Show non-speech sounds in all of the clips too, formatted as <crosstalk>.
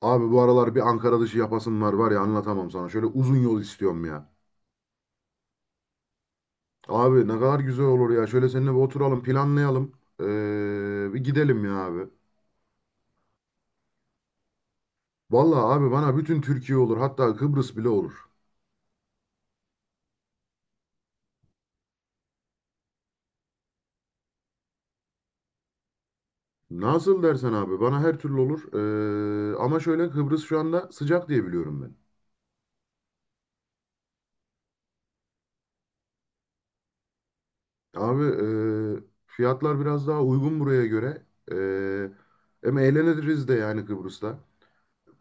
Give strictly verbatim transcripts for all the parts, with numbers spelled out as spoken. Abi bu aralar bir Ankara dışı yapasım var var ya anlatamam sana. Şöyle uzun yol istiyorum ya. Abi ne kadar güzel olur ya. Şöyle seninle bir oturalım planlayalım. Ee, bir gidelim ya abi. Vallahi abi bana bütün Türkiye olur. Hatta Kıbrıs bile olur. Nasıl dersen abi bana her türlü olur. Ee, ama şöyle Kıbrıs şu anda sıcak diye biliyorum ben. Abi ee, fiyatlar biraz daha uygun buraya göre. Ee, Hem eğleniriz de yani Kıbrıs'ta.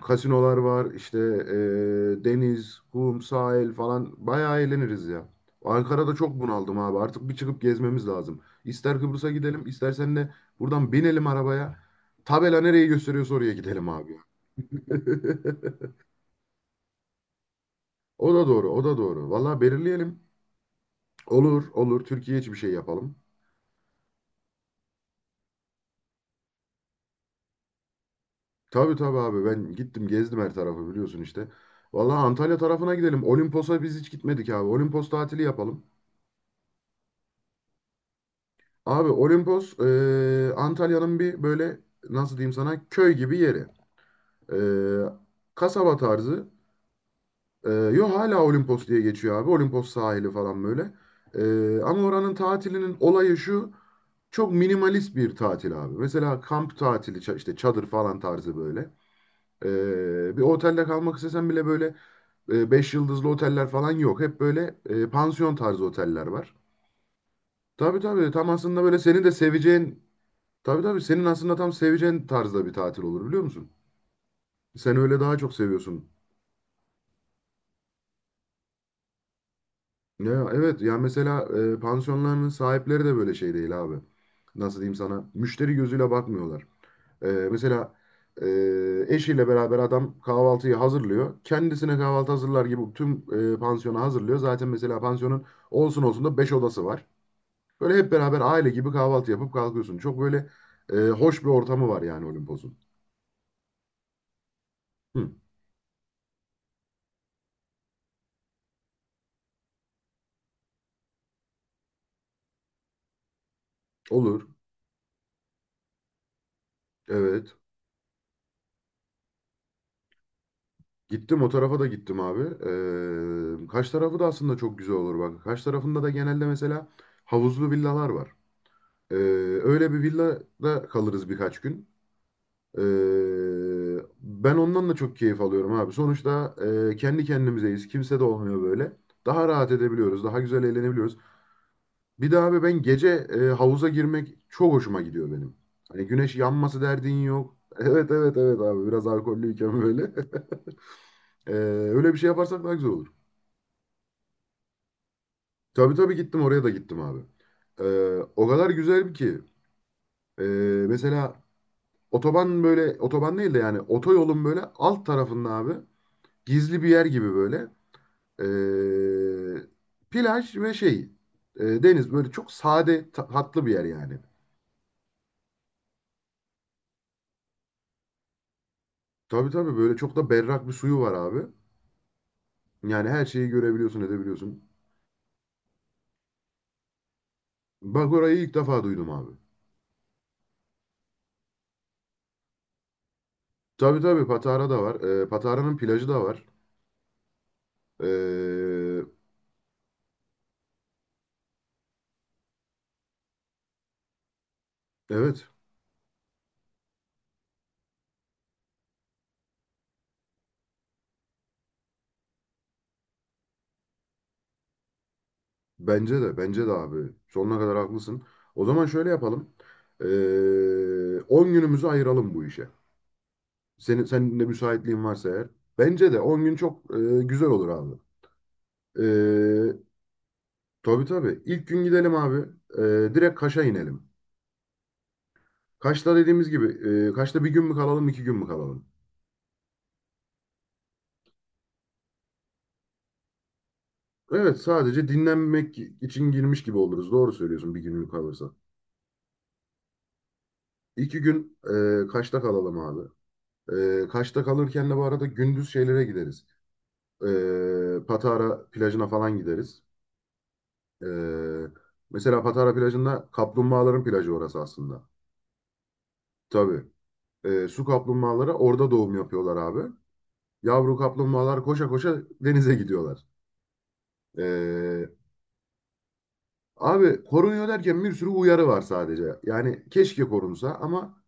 Kasinolar var işte e, deniz, kum, sahil falan bayağı eğleniriz ya. Ankara'da çok bunaldım abi artık bir çıkıp gezmemiz lazım. İster Kıbrıs'a gidelim istersen de buradan binelim arabaya. Tabela nereyi gösteriyorsa oraya gidelim abi. <laughs> O da doğru o da doğru. Valla belirleyelim. Olur olur Türkiye için bir şey yapalım. Tabii tabii abi ben gittim gezdim her tarafı biliyorsun işte. Valla Antalya tarafına gidelim. Olimpos'a biz hiç gitmedik abi. Olimpos tatili yapalım. Abi Olimpos e, Antalya'nın bir böyle nasıl diyeyim sana köy gibi yeri. E, Kasaba tarzı. E, yo hala Olimpos diye geçiyor abi. Olimpos sahili falan böyle. E, Ama oranın tatilinin olayı şu. Çok minimalist bir tatil abi. Mesela kamp tatili ça- işte çadır falan tarzı böyle. E, bir otelde kalmak istesen bile böyle e, beş yıldızlı oteller falan yok. Hep böyle e, pansiyon tarzı oteller var. Tabii tabii tam aslında böyle seni de seveceğin. Tabii tabii senin aslında tam seveceğin tarzda bir tatil olur biliyor musun? Sen öyle daha çok seviyorsun. Ya evet ya mesela e, pansiyonların sahipleri de böyle şey değil abi. Nasıl diyeyim sana? Müşteri gözüyle bakmıyorlar. E, mesela e, eşiyle beraber adam kahvaltıyı hazırlıyor. Kendisine kahvaltı hazırlar gibi tüm e, pansiyonu hazırlıyor. Zaten mesela pansiyonun olsun olsun da beş odası var. Böyle hep beraber aile gibi kahvaltı yapıp kalkıyorsun. Çok böyle e, hoş bir ortamı var yani Olimpos'un. Hı, olur. Evet. Gittim o tarafa da gittim abi. Ee, Kaş tarafı da aslında çok güzel olur bak. Kaş tarafında da genelde mesela havuzlu villalar var. Ee, Öyle bir villada kalırız birkaç gün. Ee, ben ondan da çok keyif alıyorum abi. Sonuçta e, kendi kendimizeyiz. Kimse de olmuyor böyle. Daha rahat edebiliyoruz. Daha güzel eğlenebiliyoruz. Bir de abi ben gece e, havuza girmek çok hoşuma gidiyor benim. Hani güneş yanması derdin yok. <laughs> Evet evet evet abi biraz alkollüyken böyle. <laughs> Ee, Öyle bir şey yaparsak daha güzel olur. Tabii tabii gittim oraya da gittim abi. Ee, O kadar güzel ki ee, mesela otoban böyle otoban değil de yani otoyolun böyle alt tarafında abi gizli bir yer gibi böyle ee, plaj ve şey ee, deniz böyle çok sade ta- tatlı bir yer yani. Tabii tabii böyle çok da berrak bir suyu var abi. Yani her şeyi görebiliyorsun edebiliyorsun. Bak orayı ilk defa duydum abi. Tabii tabii Patara da var. Ee, Patara'nın plajı da var. Ee, evet. Bence de, bence de abi. Sonuna kadar haklısın. O zaman şöyle yapalım. Ee, on günümüzü ayıralım bu işe. Senin, senin de müsaitliğin varsa eğer. Bence de on gün çok e, güzel olur abi. Ee, tabii tabii. İlk gün gidelim abi. Ee, direkt Kaş'a inelim. Kaş'ta dediğimiz gibi, e, Kaş'ta bir gün mü kalalım, iki gün mü kalalım? Evet, sadece dinlenmek için girmiş gibi oluruz. Doğru söylüyorsun bir günlük kalırsa. İki gün e, Kaş'ta kalalım abi. E, Kaş'ta kalırken de bu arada gündüz şeylere gideriz. e, Patara plajına falan gideriz. E, Mesela Patara plajında kaplumbağaların plajı orası aslında. Tabii. E, su kaplumbağaları orada doğum yapıyorlar abi. Yavru kaplumbağalar koşa koşa denize gidiyorlar. E, Abi korunuyor derken bir sürü uyarı var sadece. Yani keşke korunsa ama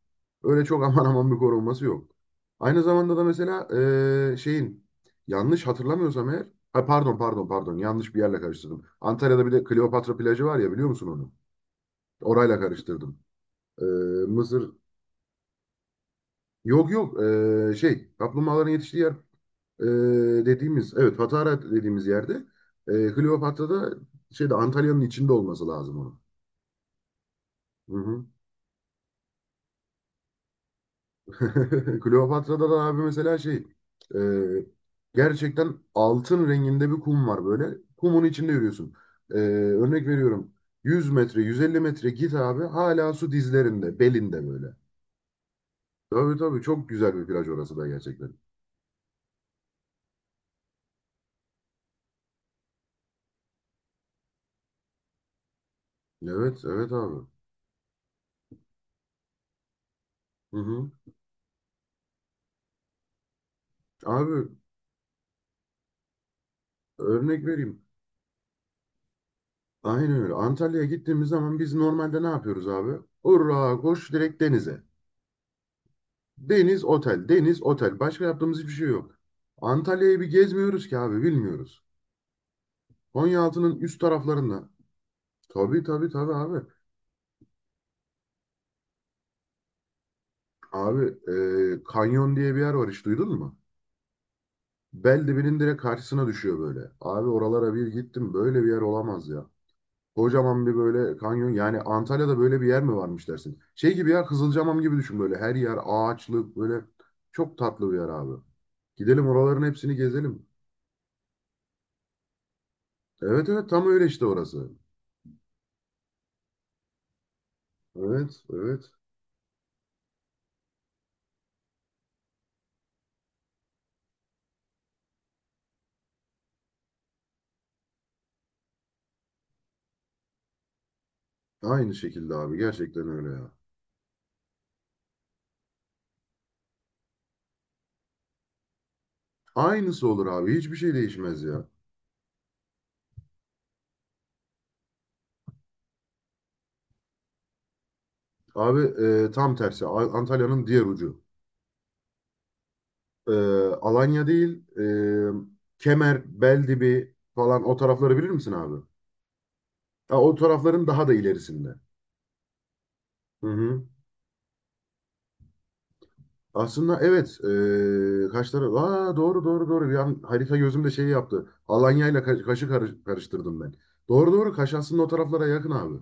öyle çok <laughs> aman aman bir korunması yok. Aynı zamanda da mesela eee, şeyin yanlış hatırlamıyorsam eğer ha, pardon pardon pardon yanlış bir yerle karıştırdım. Antalya'da bir de Kleopatra plajı var ya biliyor musun onu? Orayla karıştırdım. Eee, Mısır yok yok eee, şey kaplumbağaların yetiştiği yer eee, dediğimiz evet Patara dediğimiz yerde eee Kleopatra'da şeyde Antalya'nın içinde olması lazım onun. Hı hı. <laughs> Kleopatra'da da abi mesela şey e, gerçekten altın renginde bir kum var böyle. Kumun içinde yürüyorsun. E, Örnek veriyorum yüz metre yüz elli metre git abi hala su dizlerinde belinde böyle. Tabii tabii çok güzel bir plaj orası da gerçekten. Evet evet abi. Hı hı. Abi örnek vereyim. Aynen öyle. Antalya'ya gittiğimiz zaman biz normalde ne yapıyoruz abi? Hurra koş direkt denize. Deniz, otel, deniz, otel. Başka yaptığımız hiçbir şey yok. Antalya'yı bir gezmiyoruz ki abi bilmiyoruz. Konyaaltı'nın üst taraflarında. Tabii tabii tabii abi. Abi e, Kanyon diye bir yer var hiç duydun mu? Beldibinin direkt karşısına düşüyor böyle. Abi oralara bir gittim böyle bir yer olamaz ya. Kocaman bir böyle kanyon yani Antalya'da böyle bir yer mi varmış dersin. Şey gibi ya Kızılcamam gibi düşün böyle her yer ağaçlık böyle çok tatlı bir yer abi. Gidelim oraların hepsini gezelim. Evet evet tam öyle işte orası. Evet, evet. Aynı şekilde abi. Gerçekten öyle ya. Aynısı olur abi. Hiçbir şey değişmez ya. Abi e, tam tersi. A- Antalya'nın diğer ucu. E, Alanya değil, e, Kemer, Beldibi falan o tarafları bilir misin abi? Ha, o tarafların daha da ilerisinde. Hı hı. Aslında evet. E, kaç taraf? Aa, doğru doğru doğru. Bir an harita gözümde şey yaptı. Alanya ile Ka- Kaş'ı karış- karıştırdım ben. Doğru doğru. Kaş aslında o taraflara yakın abi.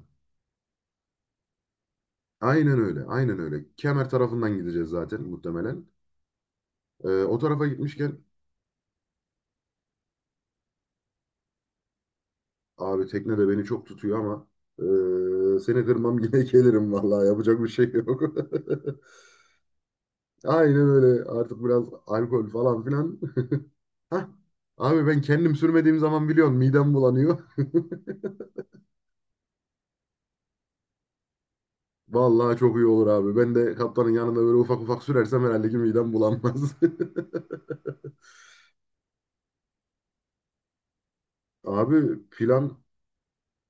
Aynen öyle. Aynen öyle. Kemer tarafından gideceğiz zaten muhtemelen. Ee, o tarafa gitmişken abi tekne de beni çok tutuyor ama ee, seni kırmam yine <laughs> gelirim vallahi yapacak bir şey yok. <laughs> Aynen öyle. Artık biraz alkol falan filan. <laughs> Hah. Abi ben kendim sürmediğim zaman biliyorsun midem bulanıyor. <laughs> Vallahi çok iyi olur abi. Ben de kaptanın yanında böyle ufak ufak sürersem herhalde ki midem bulanmaz. <laughs> Abi plan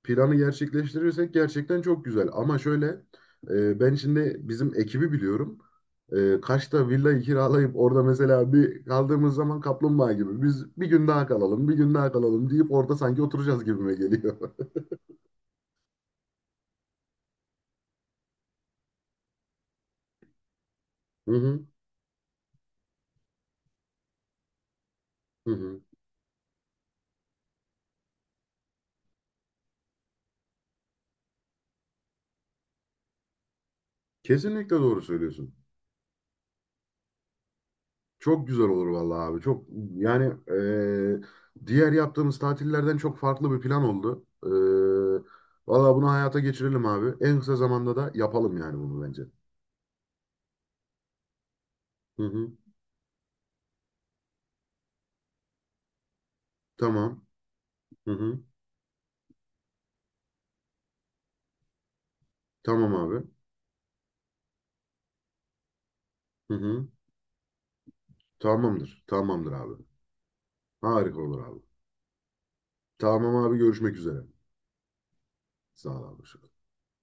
planı gerçekleştirirsek gerçekten çok güzel. Ama şöyle e, ben şimdi bizim ekibi biliyorum. E, Kaş'ta villayı kiralayıp orada mesela bir kaldığımız zaman kaplumbağa gibi biz bir gün daha kalalım, bir gün daha kalalım deyip orada sanki oturacağız gibime geliyor. <laughs> Hı hı, hı hı. Kesinlikle doğru söylüyorsun. Çok güzel olur vallahi abi. Çok yani e, diğer yaptığımız tatillerden çok farklı bir plan oldu. E, vallahi bunu hayata geçirelim abi. En kısa zamanda da yapalım yani bunu bence. Hı hı. Tamam. Hı hı. Tamam abi. Hı hı. Tamamdır. Tamamdır abi. Harika olur abi. Tamam abi görüşmek üzere. Sağ ol abi.